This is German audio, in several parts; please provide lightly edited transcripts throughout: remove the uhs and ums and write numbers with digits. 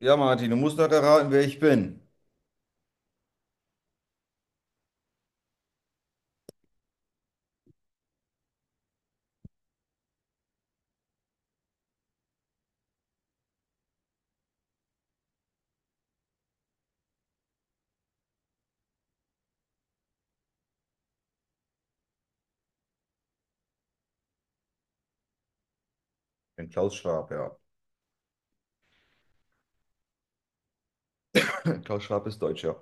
Ja, Martin, du musst doch erraten, wer ich bin. Ich bin Klaus Schwab, ja. Klaus Schwab ist Deutscher. Ja.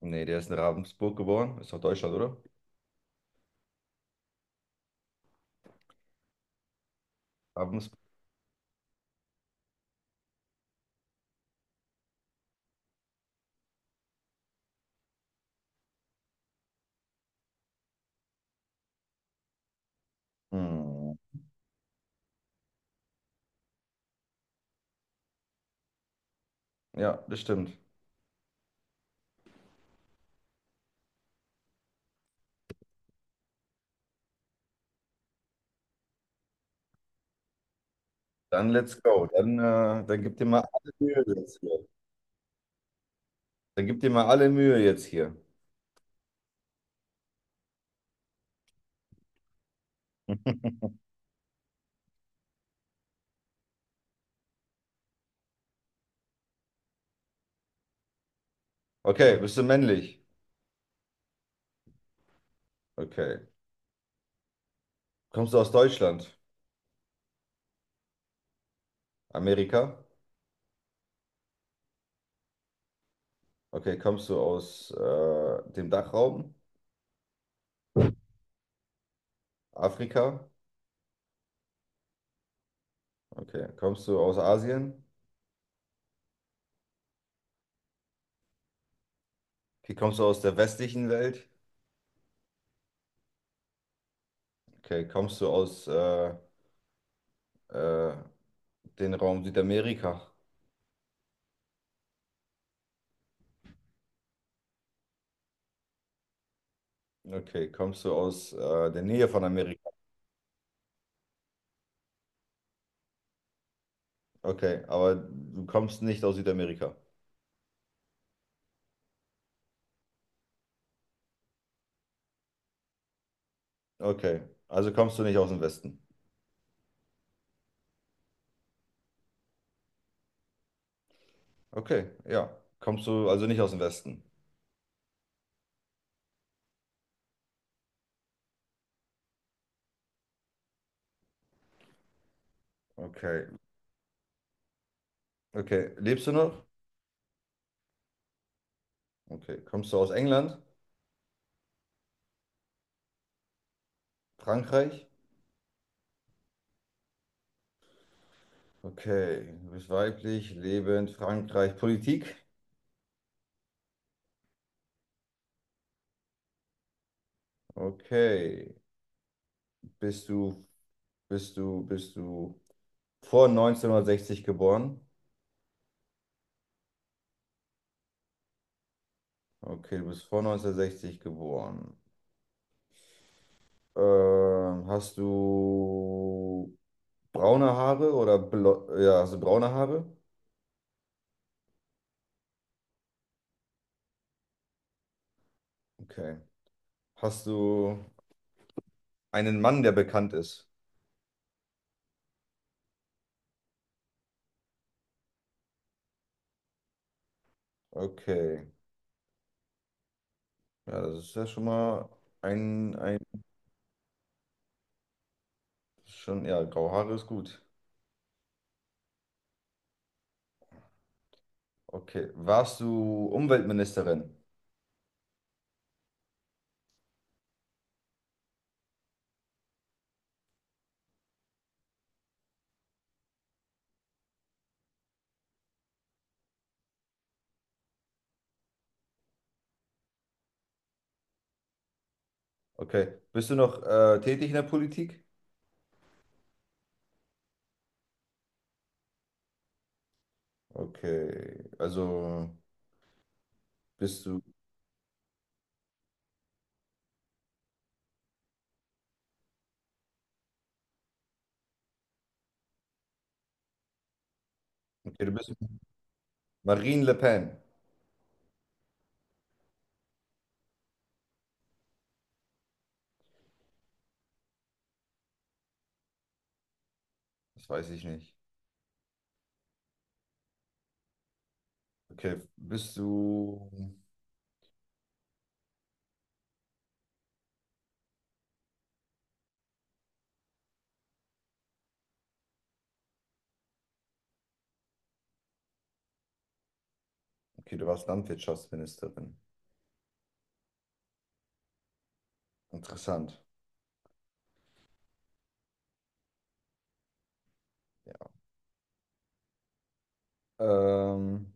Nee, der ist in Ravensburg geboren. Ist doch Deutschland, oder? Ravensburg. Hm. Ja, das stimmt. Dann let's go. Dann, dann gib dir mal alle Mühe jetzt hier. Dann gib dir mal alle Mühe jetzt hier. Okay, bist du männlich? Okay. Kommst du aus Deutschland? Amerika? Okay, kommst du aus dem Dachraum? Afrika? Okay. Kommst du aus Asien? Okay, kommst du aus der westlichen Welt? Okay, kommst du aus äh, den Raum Südamerika? Okay, kommst du aus der Nähe von Amerika? Okay, aber du kommst nicht aus Südamerika. Okay, also kommst du nicht aus dem Westen. Okay, ja. Kommst du also nicht aus dem Westen? Okay, okay. Lebst du noch? Okay, kommst du aus England? Frankreich? Okay, du bist weiblich, lebend, Frankreich, Politik? Okay, bist du, bist du vor neunzehnhundertsechzig geboren? Okay, du bist vor 1960 geboren. Hast du braune Haare oder blo ja, hast du braune Haare? Okay. Hast du einen Mann, der bekannt ist? Okay. Ja, das ist ja schon mal ein schon, ja, graue Haare ist gut. Okay. Warst du Umweltministerin? Okay. Bist du noch tätig in der Politik? Okay. Also bist du, okay, du bist Marine Le Pen. Das weiß ich nicht. Okay, bist du. Okay, du warst Landwirtschaftsministerin. Interessant. Ja. Ähm,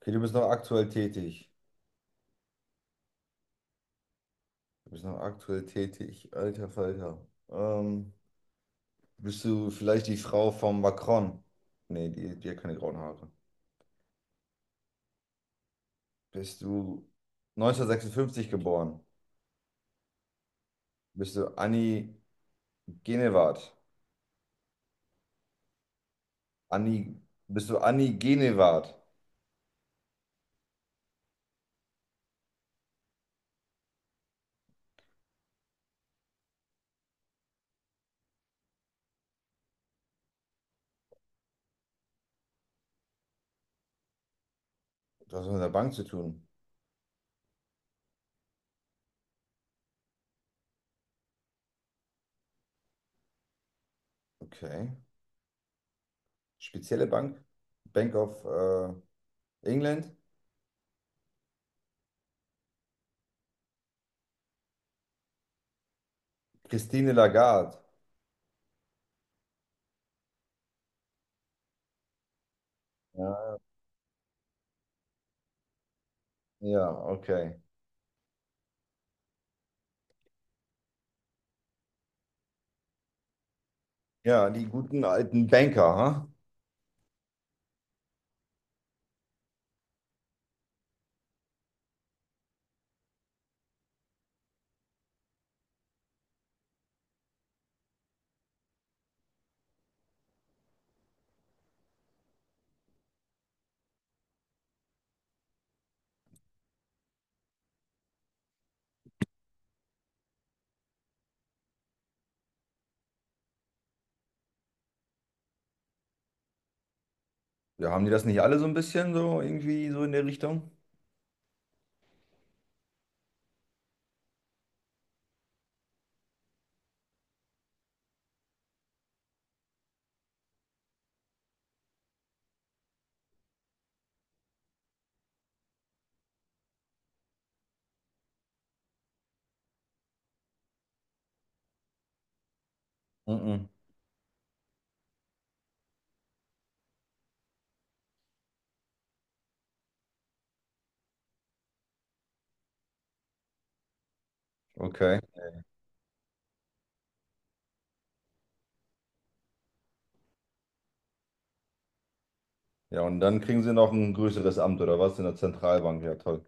okay, du bist noch aktuell tätig. Du bist noch aktuell tätig. Alter Falter. Ähm, bist du vielleicht die Frau von Macron? Nee, die hat keine grauen Haare. Bist du 1956 geboren? Bist du Annie Genevard? Annie, bist du Annie Genevard? Du hast was mit der Bank zu tun. Okay. Spezielle Bank? Bank of England? Christine Lagarde. Ja, ja, okay. Ja, die guten alten Banker, ha? Ja, haben die das nicht alle so ein bisschen so irgendwie so in der Richtung? Mhm. Okay. Ja, und dann kriegen sie noch ein größeres Amt oder was in der Zentralbank. Ja, toll.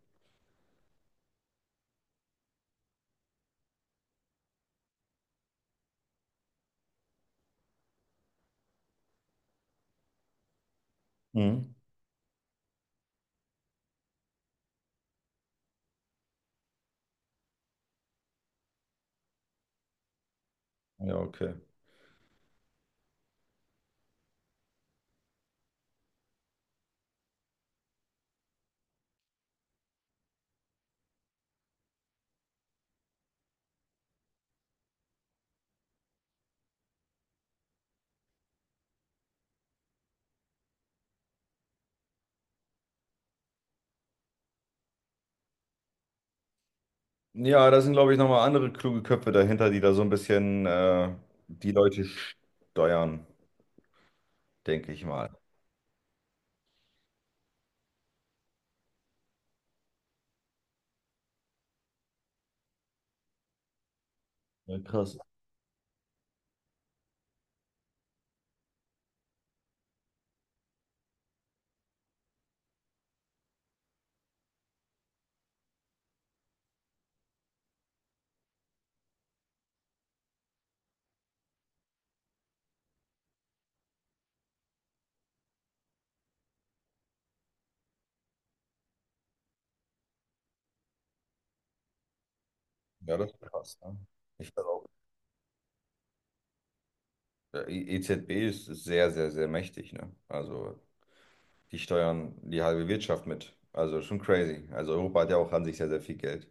Mhm. Ja, okay. Ja, da sind, glaube ich, nochmal andere kluge Köpfe dahinter, die da so ein bisschen die Leute steuern, denke ich mal. Ja, krass. Ja, das ist krass. Ne? Ich glaube, auch, der EZB ist, ist sehr, sehr, sehr mächtig. Ne? Also die steuern die halbe Wirtschaft mit. Also schon crazy. Also Europa hat ja auch an sich sehr, sehr viel Geld.